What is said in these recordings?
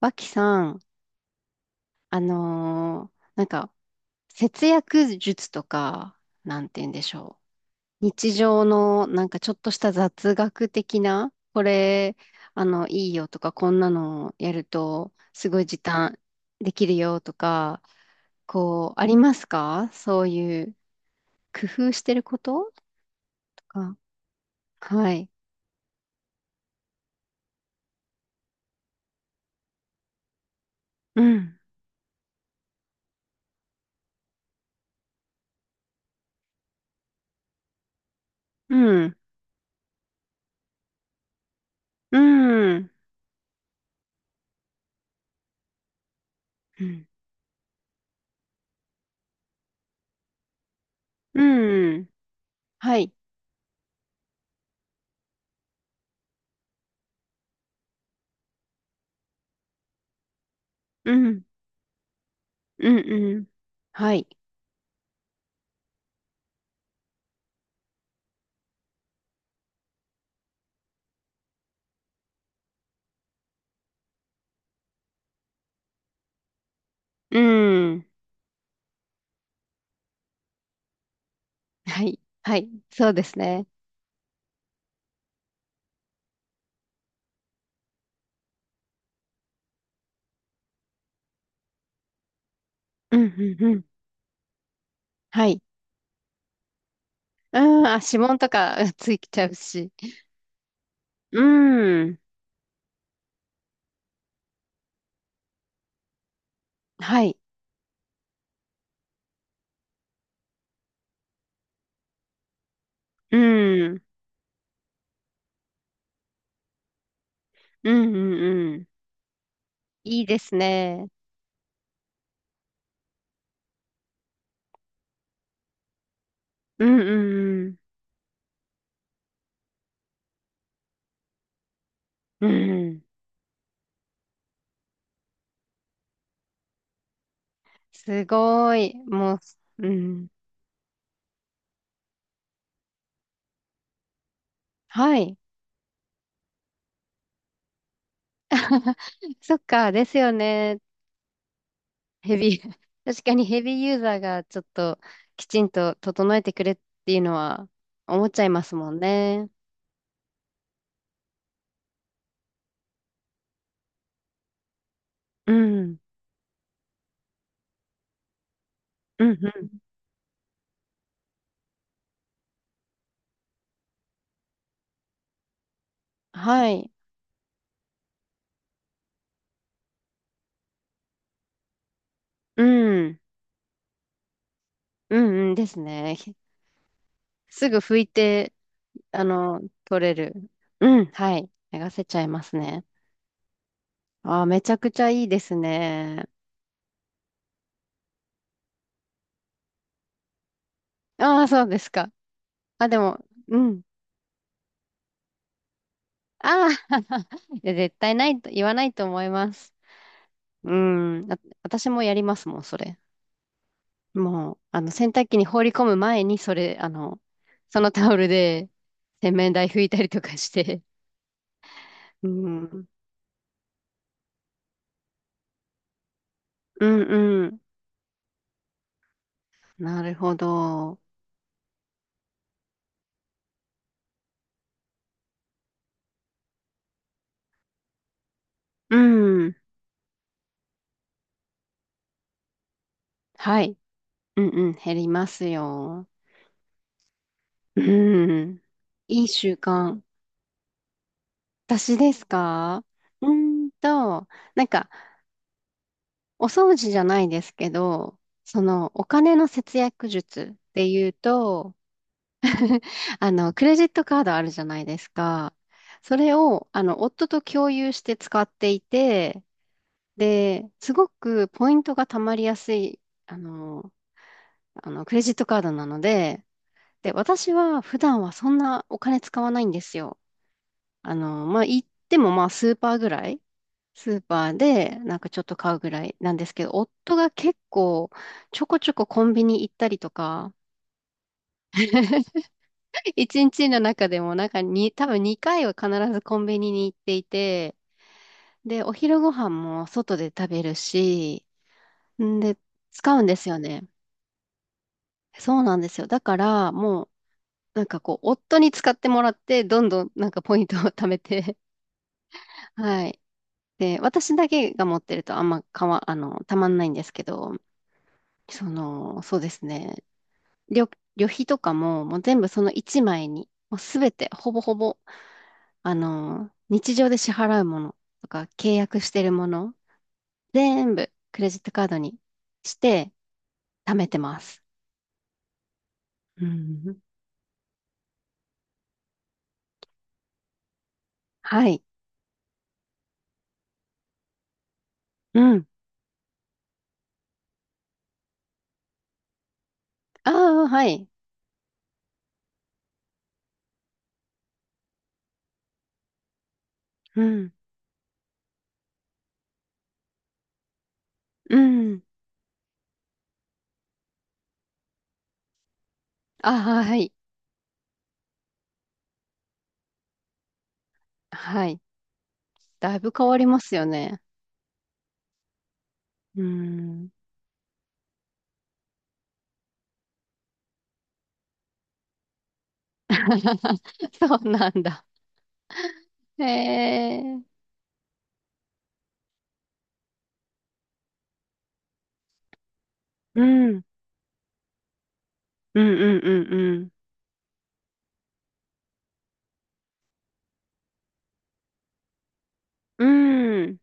脇さん、なんか、節約術とか、なんて言うんでしょう。日常の、なんかちょっとした雑学的な、これ、いいよとか、こんなのやると、すごい時短できるよとか、こう、ありますか？そういう、工夫してることとか。はい。うん。うん。うん。うん。うん。はい。うん。うん。うん。はい。うん。はい。はい。そうですね。うん、うん、うん。はい。うん、あ、指紋とかうんついちゃうし。うん。はい。うん。うん、うん、うん。いいですね。うん、うんうん、うん。すごい。もう、うん。はい。そっか、ですよね。ヘビー、確かにヘビーユーザーがちょっときちんと整えてくれっていうのは思っちゃいますもんね。うん。うんうん。はい。うん。うんうんですね。すぐ拭いて、取れる。うん、はい。流せちゃいますね。ああ、めちゃくちゃいいですね。ああ、そうですか。あ、でも、うん。ああ、いや絶対ないと、言わないと思います。うん。あ、私もやりますもん、それ。もう、洗濯機に放り込む前に、それ、そのタオルで、洗面台拭いたりとかして。うん。うんうん。なるほど。うん。はい。うんうん、減りますよ。うん。いい習慣。私ですか？うーんと、なんか、お掃除じゃないですけど、お金の節約術っていうと、クレジットカードあるじゃないですか。それを、夫と共有して使っていて、で、すごくポイントが貯まりやすい、あの、クレジットカードなので、で、私は普段はそんなお金使わないんですよ。まあ、行ってもまあスーパーぐらい、スーパーでなんかちょっと買うぐらいなんですけど、夫が結構ちょこちょこコンビニ行ったりとか、一日の中でもなんかに、多分2回は必ずコンビニに行っていて、で、お昼ご飯も外で食べるし、んで、使うんですよね。そうなんですよ。だから、もう、なんかこう、夫に使ってもらって、どんどんなんかポイントを貯めて、はい。で、私だけが持ってるとあんまかわ、あの、たまんないんですけど、そうですね。旅、旅費とかも、もう全部その1枚に、もうすべて、ほぼほぼ、日常で支払うものとか、契約してるもの、全部クレジットカードにして、貯めてます。うん。はい。うん。ああ、はい。うん。うん。ああ、はい。はい。だいぶ変わりますよね。うん。そうなんだ。へえ。うん、うんうんうんうん。うん。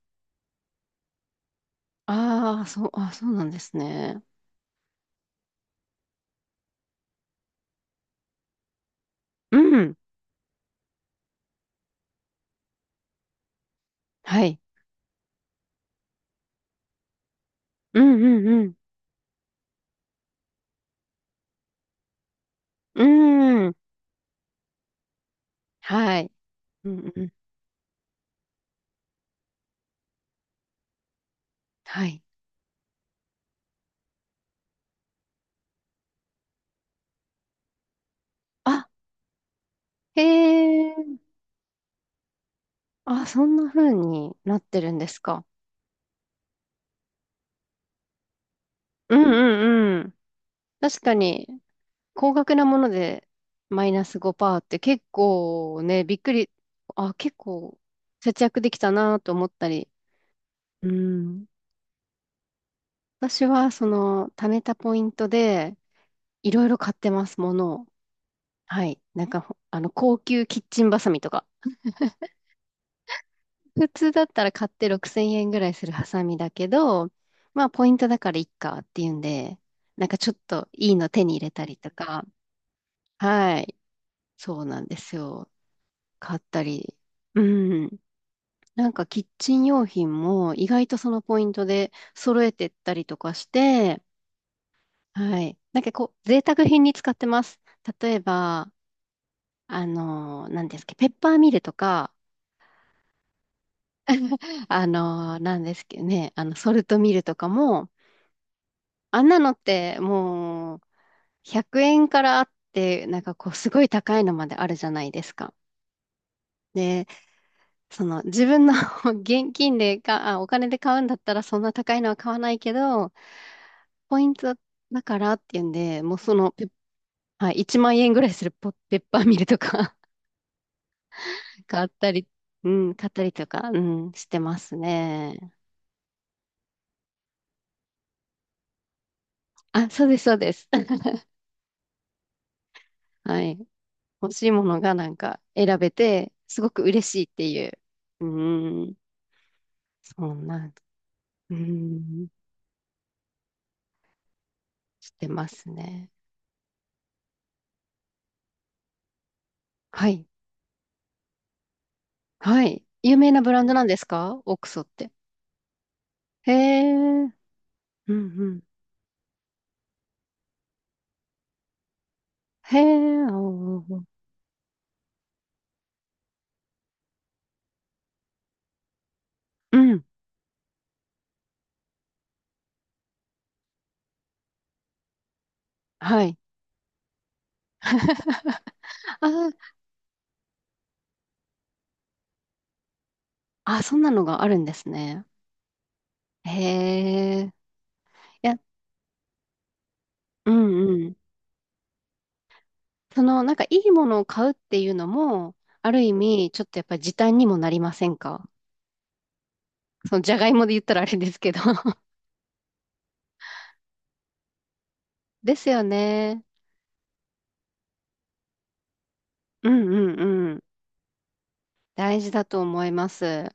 ああ、そう、あ、そうなんですね。うん。はい。うんうんうん。うん。はい。うんうん。はい。あ、へえ。あ、そんな風になってるんですか？うんうんうん。確かに、高額なものでマイナス5%って結構ね、びっくり、あ、結構節約できたなと思ったり。うん。私は、貯めたポイントで、いろいろ買ってます、ものを。はい。なんかほ、あの、高級キッチンバサミとか。普通だったら買って6000円ぐらいするハサミだけど、まあ、ポイントだからいっかっていうんで、なんかちょっといいの手に入れたりとか。はい。そうなんですよ。買ったり。うん。なんか、キッチン用品も、意外とそのポイントで揃えてったりとかして、はい。なんかこう、贅沢品に使ってます。例えば、なんですけど、ペッパーミルとか、なんですけどね、ソルトミルとかも、あんなのってもう、100円からあって、なんかこう、すごい高いのまであるじゃないですか。で、自分の 現金でか、あ、お金で買うんだったら、そんな高いのは買わないけど、ポイントだからっていうんで、もうはい、1万円ぐらいするポペッパーミルとか 買ったり、うん、買ったりとか、うん、してますね。あ、そうです、そうです。はい。欲しいものがなんか選べて、すごく嬉しいっていう。うーん。そんな、うーん。してますね。はい。はい。有名なブランドなんですか、オークソって？へえ。うんうん。へえ。おーうん。はい。あー、あ、そんなのがあるんですね。へえ。いや、うんうん。なんかいいものを買うっていうのも、ある意味、ちょっとやっぱり時短にもなりませんか？じゃがいもで言ったらあれですけど ですよね。うんうんうん。大事だと思います。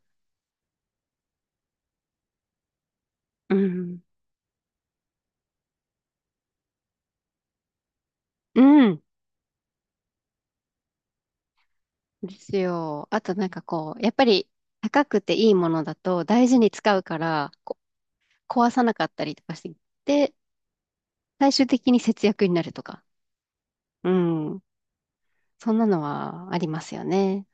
うん。うん。ですよ。あとなんかこう、やっぱり高くていいものだと大事に使うから、壊さなかったりとかして、最終的に節約になるとか。うん。そんなのはありますよね。